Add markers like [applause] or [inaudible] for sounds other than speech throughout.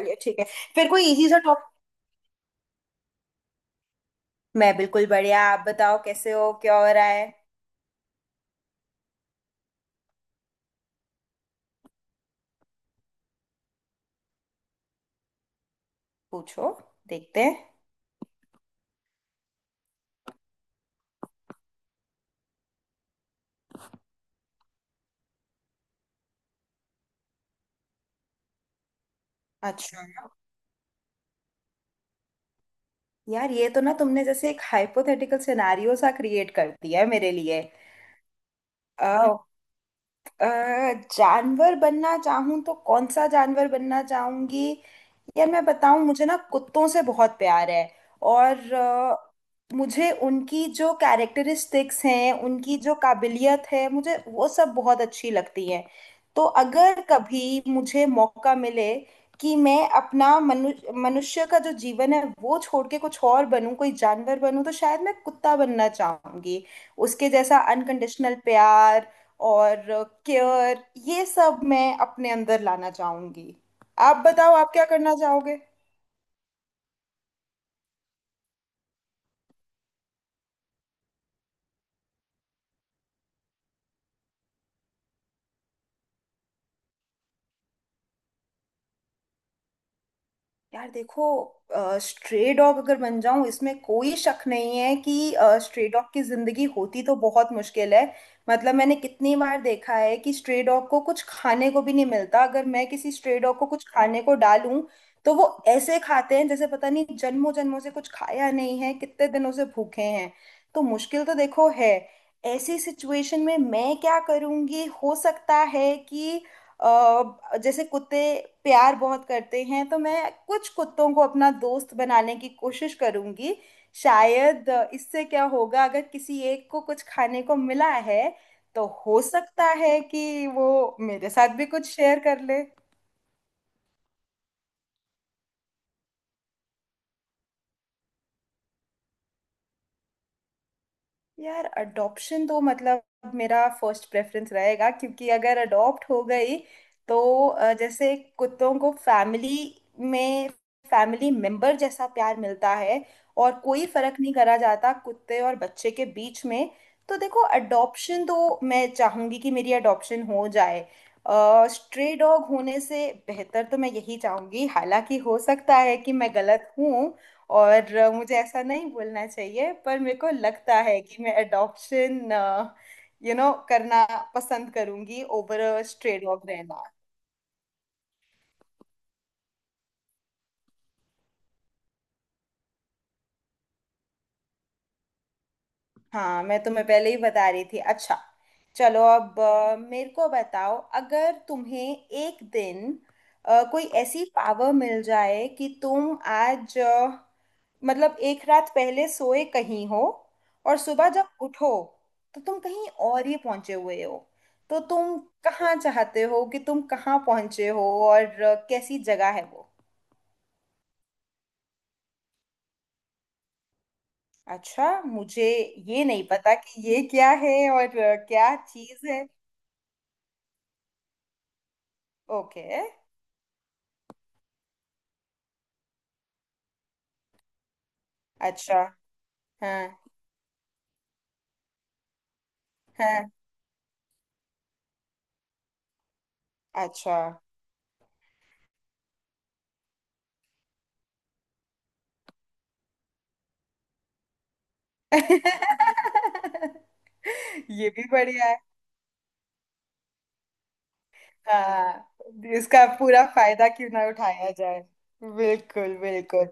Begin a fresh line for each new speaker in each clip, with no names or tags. चलिए, ठीक है। फिर कोई इजी सा टॉप। मैं बिल्कुल बढ़िया। आप बताओ, कैसे हो, क्या हो रहा है। पूछो, देखते हैं। अच्छा, यार ये तो ना तुमने जैसे एक हाइपोथेटिकल सिनारियो सा क्रिएट कर दिया है मेरे लिए। अ, अ, जानवर बनना चाहूं तो कौन सा जानवर बनना चाहूंगी। यार मैं बताऊं, मुझे ना कुत्तों से बहुत प्यार है। और मुझे उनकी जो कैरेक्टरिस्टिक्स हैं, उनकी जो काबिलियत है, मुझे वो सब बहुत अच्छी लगती है। तो अगर कभी मुझे मौका मिले कि मैं अपना मनुष्य का जो जीवन है वो छोड़ के कुछ और बनूं, कोई जानवर बनूं, तो शायद मैं कुत्ता बनना चाहूंगी। उसके जैसा अनकंडीशनल प्यार और केयर, ये सब मैं अपने अंदर लाना चाहूंगी। आप बताओ, आप क्या करना चाहोगे। यार देखो, स्ट्रे डॉग अगर बन जाऊं, इसमें कोई शक नहीं है कि स्ट्रे डॉग की जिंदगी होती तो बहुत मुश्किल है। मतलब मैंने कितनी बार देखा है कि स्ट्रे डॉग को कुछ खाने को भी नहीं मिलता। अगर मैं किसी स्ट्रे डॉग को कुछ खाने को डालूं, तो वो ऐसे खाते हैं जैसे पता नहीं जन्मों जन्मों से कुछ खाया नहीं है, कितने दिनों से भूखे हैं। तो मुश्किल तो देखो है। ऐसी सिचुएशन में मैं क्या करूंगी, हो सकता है कि जैसे कुत्ते प्यार बहुत करते हैं, तो मैं कुछ कुत्तों को अपना दोस्त बनाने की कोशिश करूंगी शायद। इससे क्या होगा, अगर किसी एक को कुछ खाने को मिला है, तो हो सकता है कि वो मेरे साथ भी कुछ शेयर कर ले। यार अडॉप्शन तो मतलब मेरा फर्स्ट प्रेफरेंस रहेगा, क्योंकि अगर अडॉप्ट हो गई तो जैसे कुत्तों को फैमिली में फैमिली मेंबर जैसा प्यार मिलता है। और कोई फर्क नहीं करा जाता कुत्ते और बच्चे के बीच में। तो देखो, अडॉप्शन तो मैं चाहूंगी कि मेरी अडॉप्शन हो जाए। स्ट्रे डॉग होने से बेहतर तो मैं यही चाहूंगी, हालांकि हो सकता है कि मैं गलत हूँ। और मुझे ऐसा नहीं बोलना चाहिए, पर मेरे को लगता है कि मैं अडॉप्शन करना पसंद करूंगी ओवर अ स्ट्रे डॉग रहना। हाँ, मैं तुम्हें पहले ही बता रही थी। अच्छा, चलो अब मेरे को बताओ, अगर तुम्हें एक दिन कोई ऐसी पावर मिल जाए कि तुम आज मतलब एक रात पहले सोए कहीं हो, और सुबह जब उठो तो तुम कहीं और ही पहुंचे हुए हो, तो तुम कहाँ चाहते हो कि तुम कहाँ पहुंचे हो, और कैसी जगह है वो। अच्छा, मुझे ये नहीं पता कि ये क्या है और क्या चीज़ है। ओके। अच्छा। हाँ, हाँ। अच्छा। [laughs] ये भी बढ़िया है। हाँ। इसका पूरा फायदा क्यों ना उठाया जाए। बिल्कुल, बिल्कुल।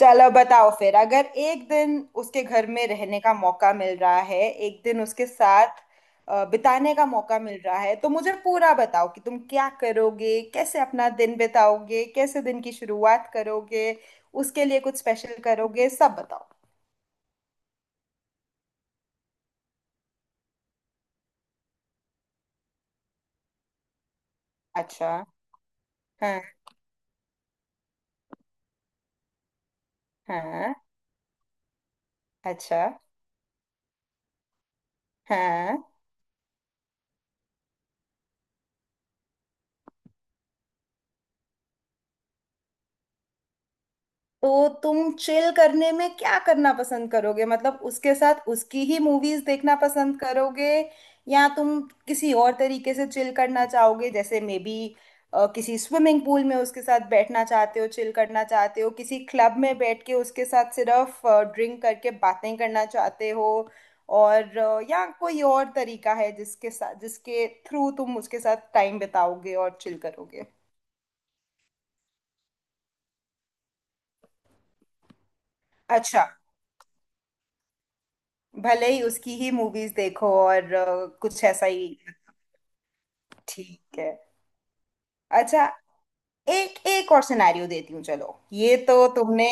चलो बताओ फिर, अगर एक दिन उसके घर में रहने का मौका मिल रहा है, एक दिन उसके साथ बिताने का मौका मिल रहा है, तो मुझे पूरा बताओ कि तुम क्या करोगे, कैसे अपना दिन बिताओगे, कैसे दिन की शुरुआत करोगे, उसके लिए कुछ स्पेशल करोगे, सब बताओ। अच्छा। हाँ, हाँ। अच्छा। हाँ, तो तुम चिल करने में क्या करना पसंद करोगे, मतलब उसके साथ उसकी ही मूवीज देखना पसंद करोगे, या तुम किसी और तरीके से चिल करना चाहोगे, जैसे मे बी किसी स्विमिंग पूल में उसके साथ बैठना चाहते हो, चिल करना चाहते हो, किसी क्लब में बैठ के उसके साथ सिर्फ ड्रिंक करके बातें करना चाहते हो, और या कोई और तरीका है जिसके साथ, जिसके थ्रू तुम उसके साथ टाइम बिताओगे और चिल करोगे। अच्छा, भले ही उसकी ही मूवीज देखो और कुछ ऐसा ही। ठीक है। अच्छा, एक एक और सिनेरियो देती हूँ। चलो, ये तो तुमने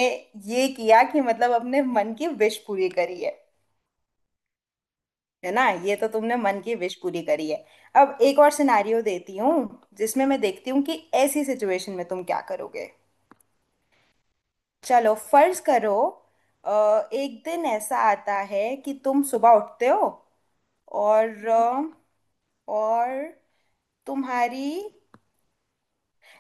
ये किया कि मतलब अपने मन की विश पूरी करी है। है ना, ये तो तुमने मन की विश पूरी करी है। अब एक और सिनेरियो देती हूँ, जिसमें मैं देखती हूँ कि ऐसी सिचुएशन में तुम क्या करोगे। चलो, फर्ज करो, एक दिन ऐसा आता है कि तुम सुबह उठते हो, और और तुम्हारी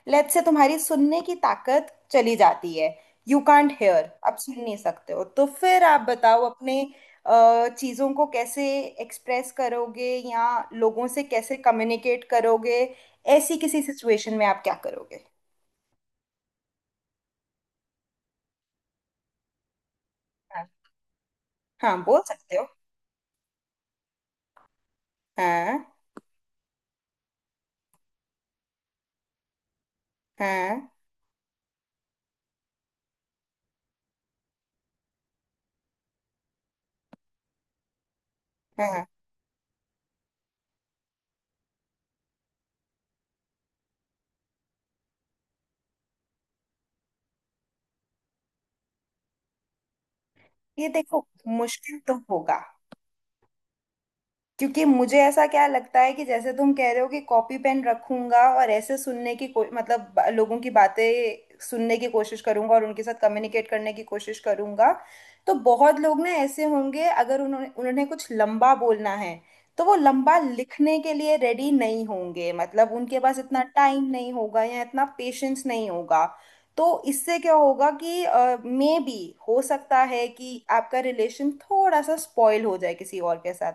लेट से तुम्हारी सुनने की ताकत चली जाती है। यू कांट हेयर, आप सुन नहीं सकते हो, तो फिर आप बताओ अपने चीजों को कैसे एक्सप्रेस करोगे, या लोगों से कैसे कम्युनिकेट करोगे। ऐसी किसी सिचुएशन में आप क्या करोगे। हाँ, हाँ बोल सकते हो। हाँ। हाँ। हाँ। ये देखो, मुश्किल तो होगा, क्योंकि मुझे ऐसा क्या लगता है कि जैसे तुम कह रहे हो कि कॉपी पेन रखूंगा और ऐसे सुनने की मतलब लोगों की बातें सुनने की कोशिश करूंगा और उनके साथ कम्युनिकेट करने की कोशिश करूंगा। तो बहुत लोग ना ऐसे होंगे, अगर उन्होंने उन्हें कुछ लंबा बोलना है, तो वो लंबा लिखने के लिए रेडी नहीं होंगे, मतलब उनके पास इतना टाइम नहीं होगा या इतना पेशेंस नहीं होगा। तो इससे क्या होगा कि मे बी हो सकता है कि आपका रिलेशन थोड़ा सा स्पॉइल हो जाए किसी और के साथ।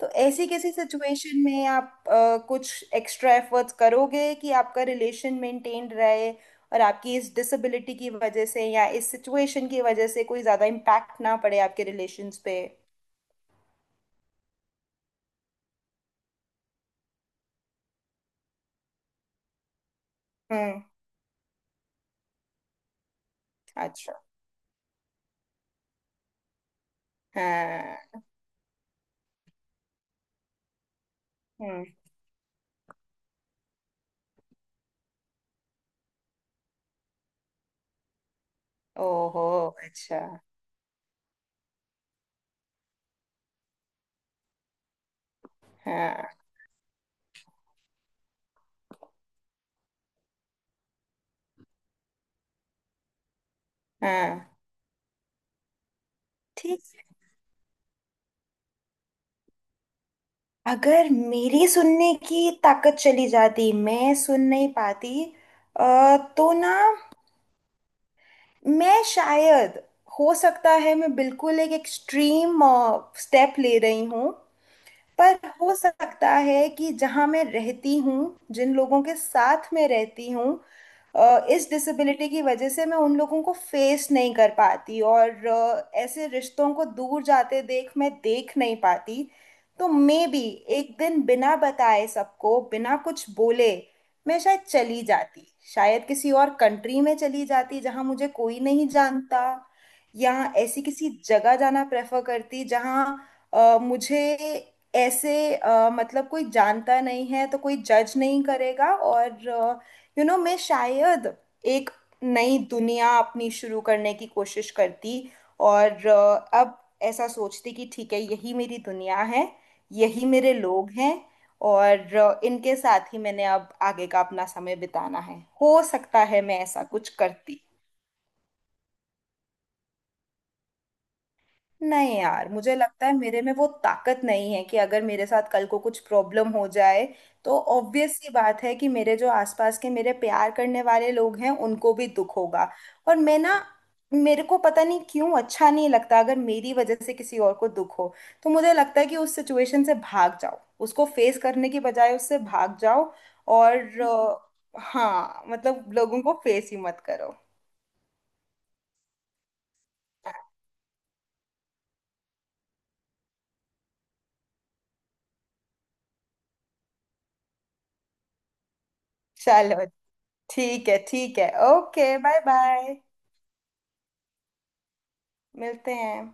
तो ऐसी किसी सिचुएशन में आप कुछ एक्स्ट्रा एफर्ट्स करोगे कि आपका रिलेशन मेंटेन रहे, और आपकी इस डिसेबिलिटी की वजह से या इस सिचुएशन की वजह से कोई ज्यादा इम्पैक्ट ना पड़े आपके रिलेशंस पे। हम्म। अच्छा। हाँ। हम्म। ओहो। अच्छा। हाँ, हाँ। ठीक। अगर मेरी सुनने की ताकत चली जाती, मैं सुन नहीं पाती, तो ना मैं शायद, हो सकता है मैं बिल्कुल एक एक्सट्रीम स्टेप ले रही हूँ, पर हो सकता है कि जहां मैं रहती हूँ, जिन लोगों के साथ मैं रहती हूँ, इस डिसेबिलिटी की वजह से मैं उन लोगों को फेस नहीं कर पाती, और ऐसे रिश्तों को दूर जाते देख मैं देख नहीं पाती। तो मे बी एक दिन बिना बताए सबको, बिना कुछ बोले, मैं शायद चली जाती। शायद किसी और कंट्री में चली जाती जहां मुझे कोई नहीं जानता, या ऐसी किसी जगह जाना प्रेफर करती जहां मुझे ऐसे मतलब कोई जानता नहीं है, तो कोई जज नहीं करेगा, और यू नो मैं शायद एक नई दुनिया अपनी शुरू करने की कोशिश करती। और अब ऐसा सोचती कि ठीक है, यही मेरी दुनिया है, यही मेरे लोग हैं, और इनके साथ ही मैंने अब आगे का अपना समय बिताना है। हो सकता है मैं ऐसा कुछ करती। नहीं यार, मुझे लगता है मेरे में वो ताकत नहीं है कि अगर मेरे साथ कल को कुछ प्रॉब्लम हो जाए, तो ऑब्वियस सी बात है कि मेरे जो आसपास के मेरे प्यार करने वाले लोग हैं, उनको भी दुख होगा। और मैं ना, मेरे को पता नहीं क्यों अच्छा नहीं लगता अगर मेरी वजह से किसी और को दुख हो। तो मुझे लगता है कि उस सिचुएशन से भाग जाओ, उसको फेस करने की बजाय उससे भाग जाओ। और हाँ, मतलब लोगों को फेस ही मत करो। चलो, ठीक है, ठीक है। Okay, bye bye. मिलते हैं।